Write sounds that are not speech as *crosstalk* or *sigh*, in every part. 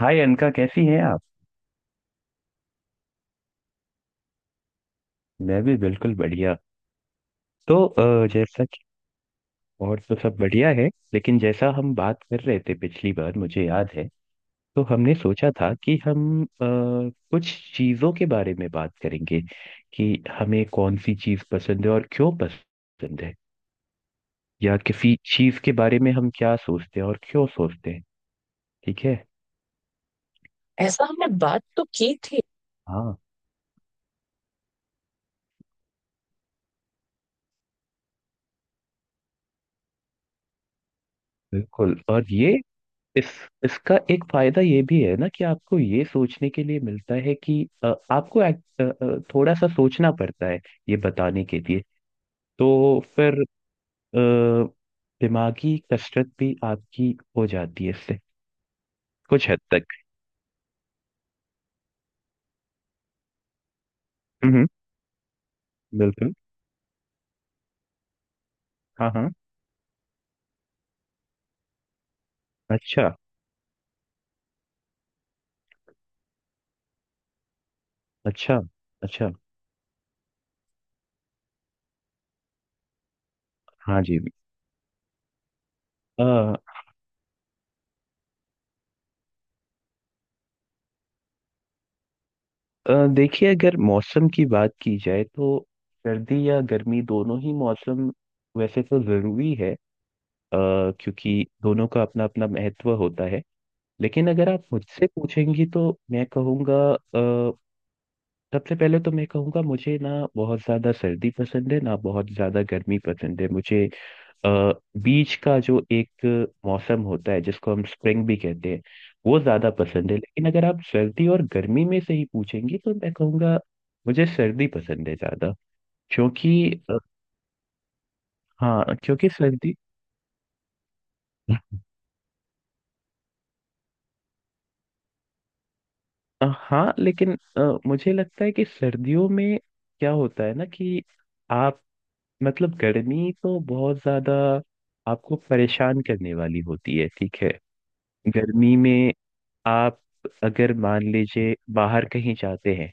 हाय अनका, कैसी हैं आप। मैं भी बिल्कुल बढ़िया। जैसा कि और तो सब बढ़िया है। लेकिन जैसा हम बात कर रहे थे पिछली बार, मुझे याद है, तो हमने सोचा था कि हम कुछ चीज़ों के बारे में बात करेंगे कि हमें कौन सी चीज़ पसंद है और क्यों पसंद है, या किसी चीज़ के बारे में हम क्या सोचते हैं और क्यों सोचते हैं। ठीक है, ऐसा हमने बात तो की थी। हाँ, बिल्कुल। और ये इस इसका एक फायदा ये भी है ना कि आपको ये सोचने के लिए मिलता है कि अ, आपको act- अ, अ, थोड़ा सा सोचना पड़ता है ये बताने के लिए। तो फिर अ, दिमागी कसरत भी आपकी हो जाती है इससे, कुछ हद तक। हम्म। बिल्कुल। हाँ हाँ। अच्छा। अच्छा। अच्छा। हाँ जी। अ, देखिए, अगर मौसम की बात की जाए तो सर्दी या गर्मी दोनों ही मौसम वैसे तो जरूरी है। अ, क्योंकि दोनों का अपना अपना महत्व होता है। लेकिन अगर आप मुझसे पूछेंगी तो मैं कहूँगा सबसे पहले तो मैं कहूँगा, मुझे ना बहुत ज़्यादा सर्दी पसंद है ना बहुत ज़्यादा गर्मी पसंद है मुझे। अ, बीच का जो एक मौसम होता है जिसको हम स्प्रिंग भी कहते हैं वो ज़्यादा पसंद है। लेकिन अगर आप सर्दी और गर्मी में से ही पूछेंगी तो मैं कहूँगा मुझे सर्दी पसंद है ज़्यादा। क्योंकि अ, हाँ, क्योंकि सर्दी हाँ, लेकिन मुझे लगता है कि सर्दियों में क्या होता है ना कि आप, मतलब गर्मी तो बहुत ज्यादा आपको परेशान करने वाली होती है, ठीक है। गर्मी में आप अगर मान लीजिए बाहर कहीं जाते हैं,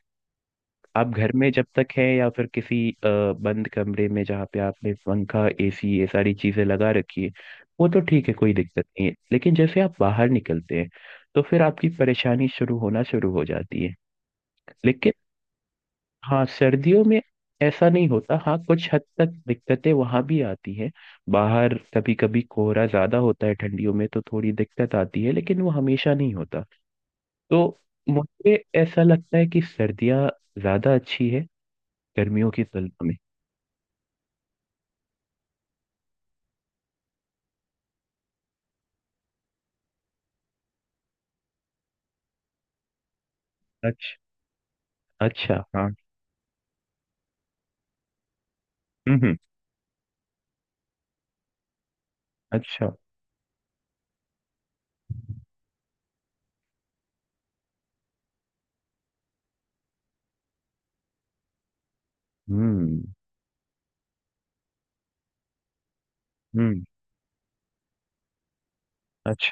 आप घर में जब तक हैं या फिर किसी बंद कमरे में जहाँ पे आपने पंखा एसी ये सारी चीजें लगा रखी है, वो तो ठीक है कोई दिक्कत नहीं है। लेकिन जैसे आप बाहर निकलते हैं तो फिर आपकी परेशानी शुरू होना शुरू हो जाती है। लेकिन हाँ, सर्दियों में ऐसा नहीं होता। हाँ, कुछ हद तक दिक्कतें वहां भी आती हैं। बाहर कभी कभी कोहरा ज्यादा होता है ठंडियों में तो थोड़ी दिक्कत आती है, लेकिन वो हमेशा नहीं होता। तो मुझे ऐसा लगता है कि सर्दियाँ ज्यादा अच्छी है गर्मियों की तुलना में। अच्छा। अच्छा। हाँ। हम्म हम्म, अच्छा। हम्म हम्म अच्छा।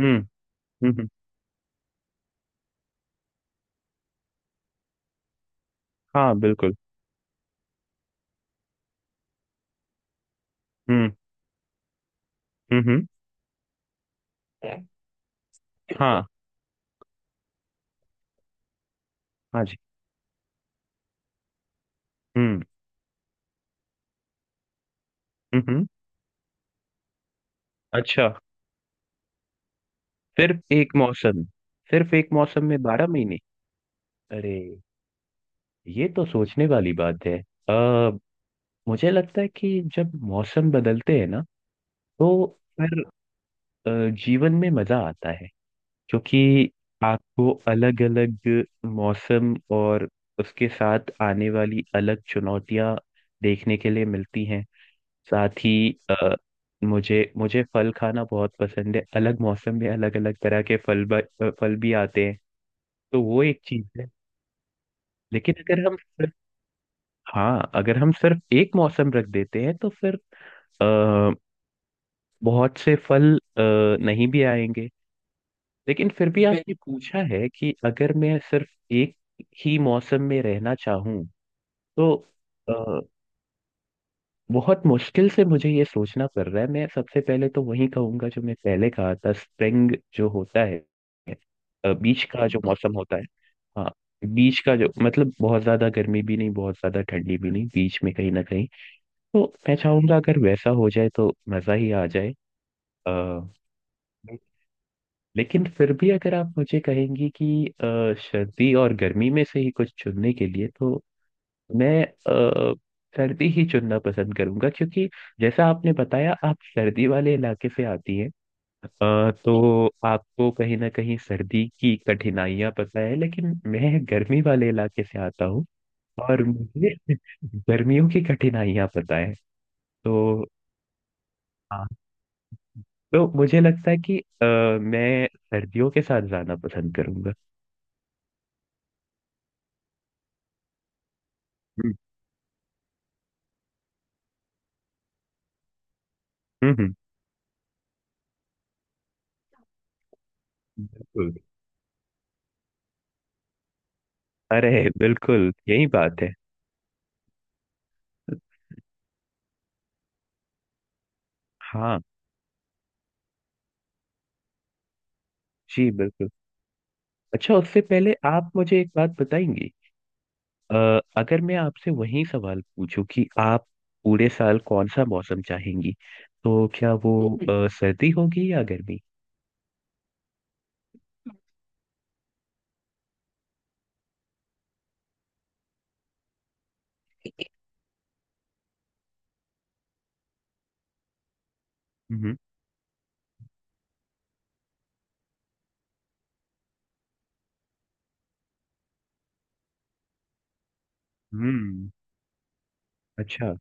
हम्म हम्म हम्म, हाँ बिल्कुल। हम्म हम्म हम्म, हाँ। हाँ जी। हम्म हम्म हम्म, अच्छा। सिर्फ एक मौसम। सिर्फ एक मौसम में बारह महीने। अरे, ये तो सोचने वाली बात है। आ, मुझे लगता है कि जब मौसम बदलते हैं ना तो फिर अ, जीवन में मजा आता है। क्योंकि आपको अलग अलग मौसम और उसके साथ आने वाली अलग चुनौतियां देखने के लिए मिलती हैं। साथ ही अ, मुझे मुझे फल खाना बहुत पसंद है, अलग मौसम में अलग अलग तरह के फल फल भी आते हैं। तो वो एक चीज है। लेकिन अगर हम सिर्फ, हाँ, अगर हम सिर्फ एक मौसम रख देते हैं तो फिर अ, बहुत से फल नहीं भी आएंगे। लेकिन फिर भी आपने पूछा है कि अगर मैं सिर्फ एक ही मौसम में रहना चाहूँ तो अ, बहुत मुश्किल से मुझे ये सोचना पड़ रहा है। मैं सबसे पहले तो वही कहूंगा जो मैं पहले कहा था, स्प्रिंग जो होता है, बीच का जो मौसम होता है। हाँ, बीच का जो, मतलब बहुत ज्यादा गर्मी भी नहीं, बहुत ज्यादा ठंडी भी नहीं, बीच में कहीं ना कहीं। तो मैं चाहूंगा अगर वैसा हो जाए तो मजा ही आ जाए। अ, लेकिन फिर भी अगर आप मुझे कहेंगी कि सर्दी और गर्मी में से ही कुछ चुनने के लिए, तो मैं सर्दी ही चुनना पसंद करूंगा। क्योंकि जैसा आपने बताया आप सर्दी वाले इलाके से आती हैं, तो आपको कहीं ना कहीं सर्दी की कठिनाइयां पता है। लेकिन मैं गर्मी वाले इलाके से आता हूँ, और मुझे *laughs* गर्मियों की कठिनाइयां पता है। तो तो मुझे लगता है कि मैं सर्दियों के साथ जाना पसंद करूंगा। हम्म। हम्म हम्म, बिल्कुल। अरे बिल्कुल, यही बात है। हाँ जी। बिल्कुल। अच्छा, उससे पहले आप मुझे एक बात बताएंगी। अ, अगर मैं आपसे वही सवाल पूछूं कि आप पूरे साल कौन सा मौसम चाहेंगी, तो क्या वो सर्दी होगी या गर्मी। हम्म हम्म अच्छा।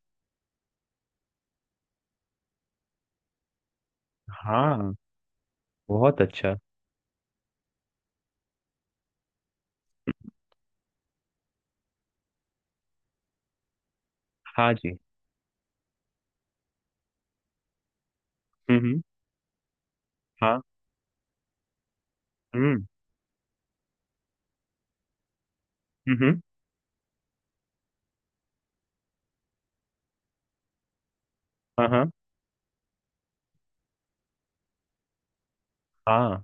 हाँ। बहुत अच्छा। हाँ जी। हम्म। हाँ। हम्म। हम्म। हाँ हाँ। हाँ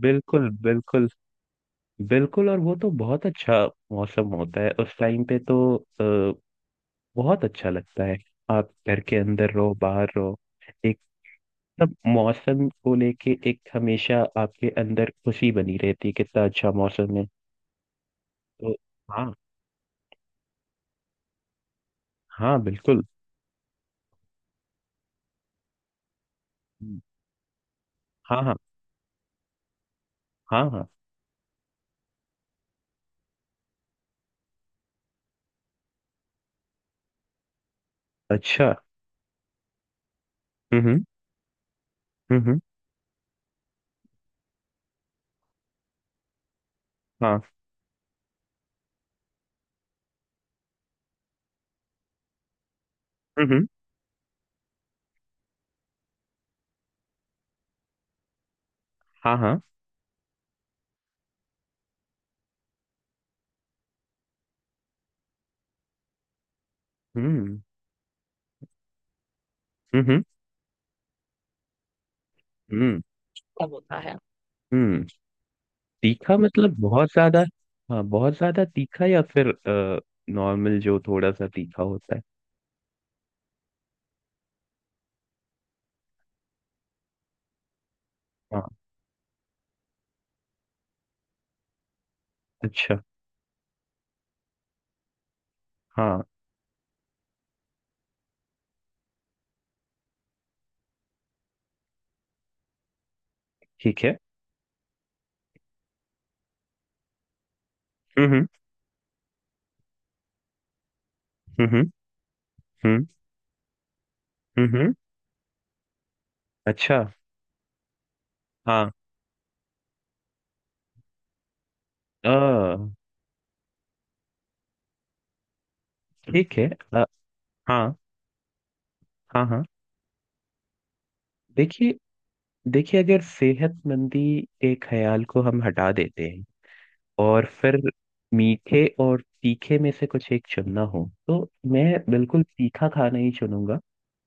बिल्कुल। बिल्कुल बिल्कुल। और वो तो बहुत अच्छा मौसम होता है। उस टाइम पे तो बहुत अच्छा लगता है, आप घर के अंदर रहो बाहर रहो। एक, सब मौसम को लेके, एक हमेशा आपके अंदर खुशी बनी रहती है कितना अच्छा मौसम है। तो हाँ, हाँ बिल्कुल। हम्म, हाँ हाँ। हाँ हाँ। अच्छा। हम्म हम्म हम्म, हाँ। हम्म। हाँ हाँ। हम्म हम्म हम्म सब होता है। हम्म। तीखा मतलब बहुत ज्यादा, हाँ बहुत ज्यादा तीखा, या फिर नॉर्मल जो थोड़ा सा तीखा होता है। हाँ। अच्छा। हाँ। ठीक है। हम्म। हम्म। हम्म हम्म हम्म अच्छा। हाँ। अ, ठीक है। अ, हाँ हाँ। हाँ। देखिए, देखिए अगर सेहतमंदी के ख्याल को हम हटा देते हैं और फिर मीठे और तीखे में से कुछ एक चुनना हो तो मैं बिल्कुल तीखा खाना ही चुनूंगा।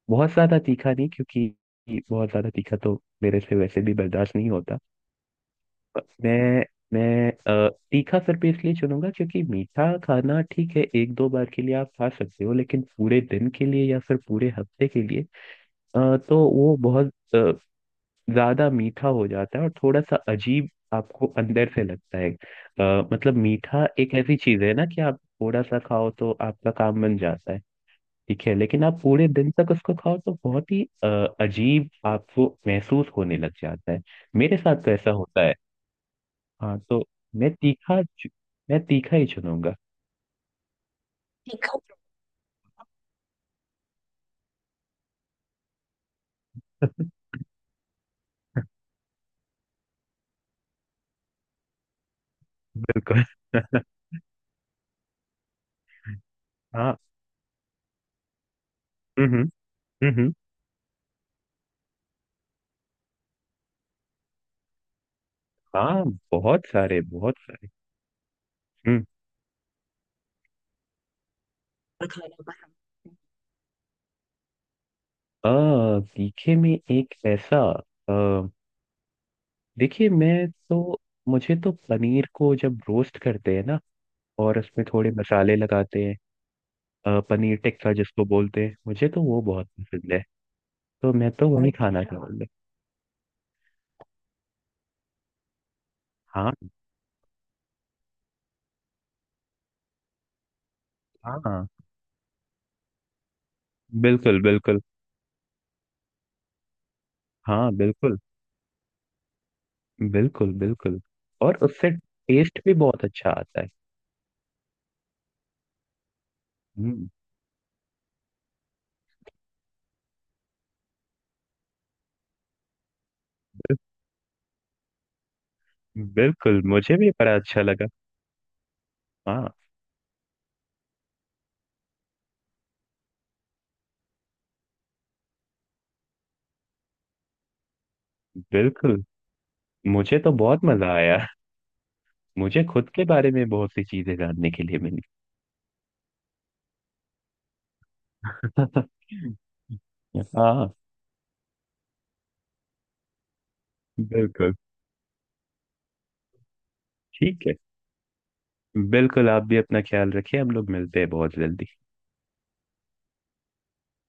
बहुत ज्यादा तीखा नहीं, क्योंकि बहुत ज्यादा तीखा तो मेरे से वैसे भी बर्दाश्त नहीं होता। पर मैं तीखा सिर्फ इसलिए चुनूंगा क्योंकि मीठा खाना ठीक है एक दो बार के लिए आप खा सकते हो, लेकिन पूरे दिन के लिए या फिर पूरे हफ्ते के लिए तो वो बहुत ज्यादा मीठा हो जाता है और थोड़ा सा अजीब आपको अंदर से लगता है। मतलब मीठा एक ऐसी चीज है ना कि आप थोड़ा सा खाओ तो आपका काम बन जाता है। ठीक है, लेकिन आप पूरे दिन तक उसको खाओ तो बहुत ही अजीब आपको महसूस होने लग जाता है। मेरे साथ तो ऐसा होता है। हाँ, मैं तीखा चु- मैं तीखा ही चुनूंगा। *laughs* तीखा। बिल्कुल। हाँ। हम्म। हम्म। हाँ, बहुत सारे बहुत सारे। हम्म। तीखे में एक ऐसा, अ, देखिए मैं तो, मुझे तो पनीर को जब रोस्ट करते हैं ना, और उसमें थोड़े मसाले लगाते हैं, पनीर टिक्का जिसको बोलते हैं, मुझे तो वो बहुत पसंद है। तो मैं तो वही भाई खाना क्या चाहूंगा। हाँ हाँ। बिल्कुल बिल्कुल। हाँ बिल्कुल। बिल्कुल बिल्कुल। और उससे टेस्ट भी बहुत अच्छा आता है। हम्म, बिल- बिल्कुल मुझे भी बड़ा अच्छा लगा। हाँ बिल्कुल, मुझे तो बहुत मजा आया। मुझे खुद के बारे में बहुत सी चीजें जानने के लिए मिली। *laughs* हाँ। बिल्कुल। ठीक है, बिल्कुल आप भी अपना ख्याल रखिए, हम लोग मिलते हैं बहुत जल्दी।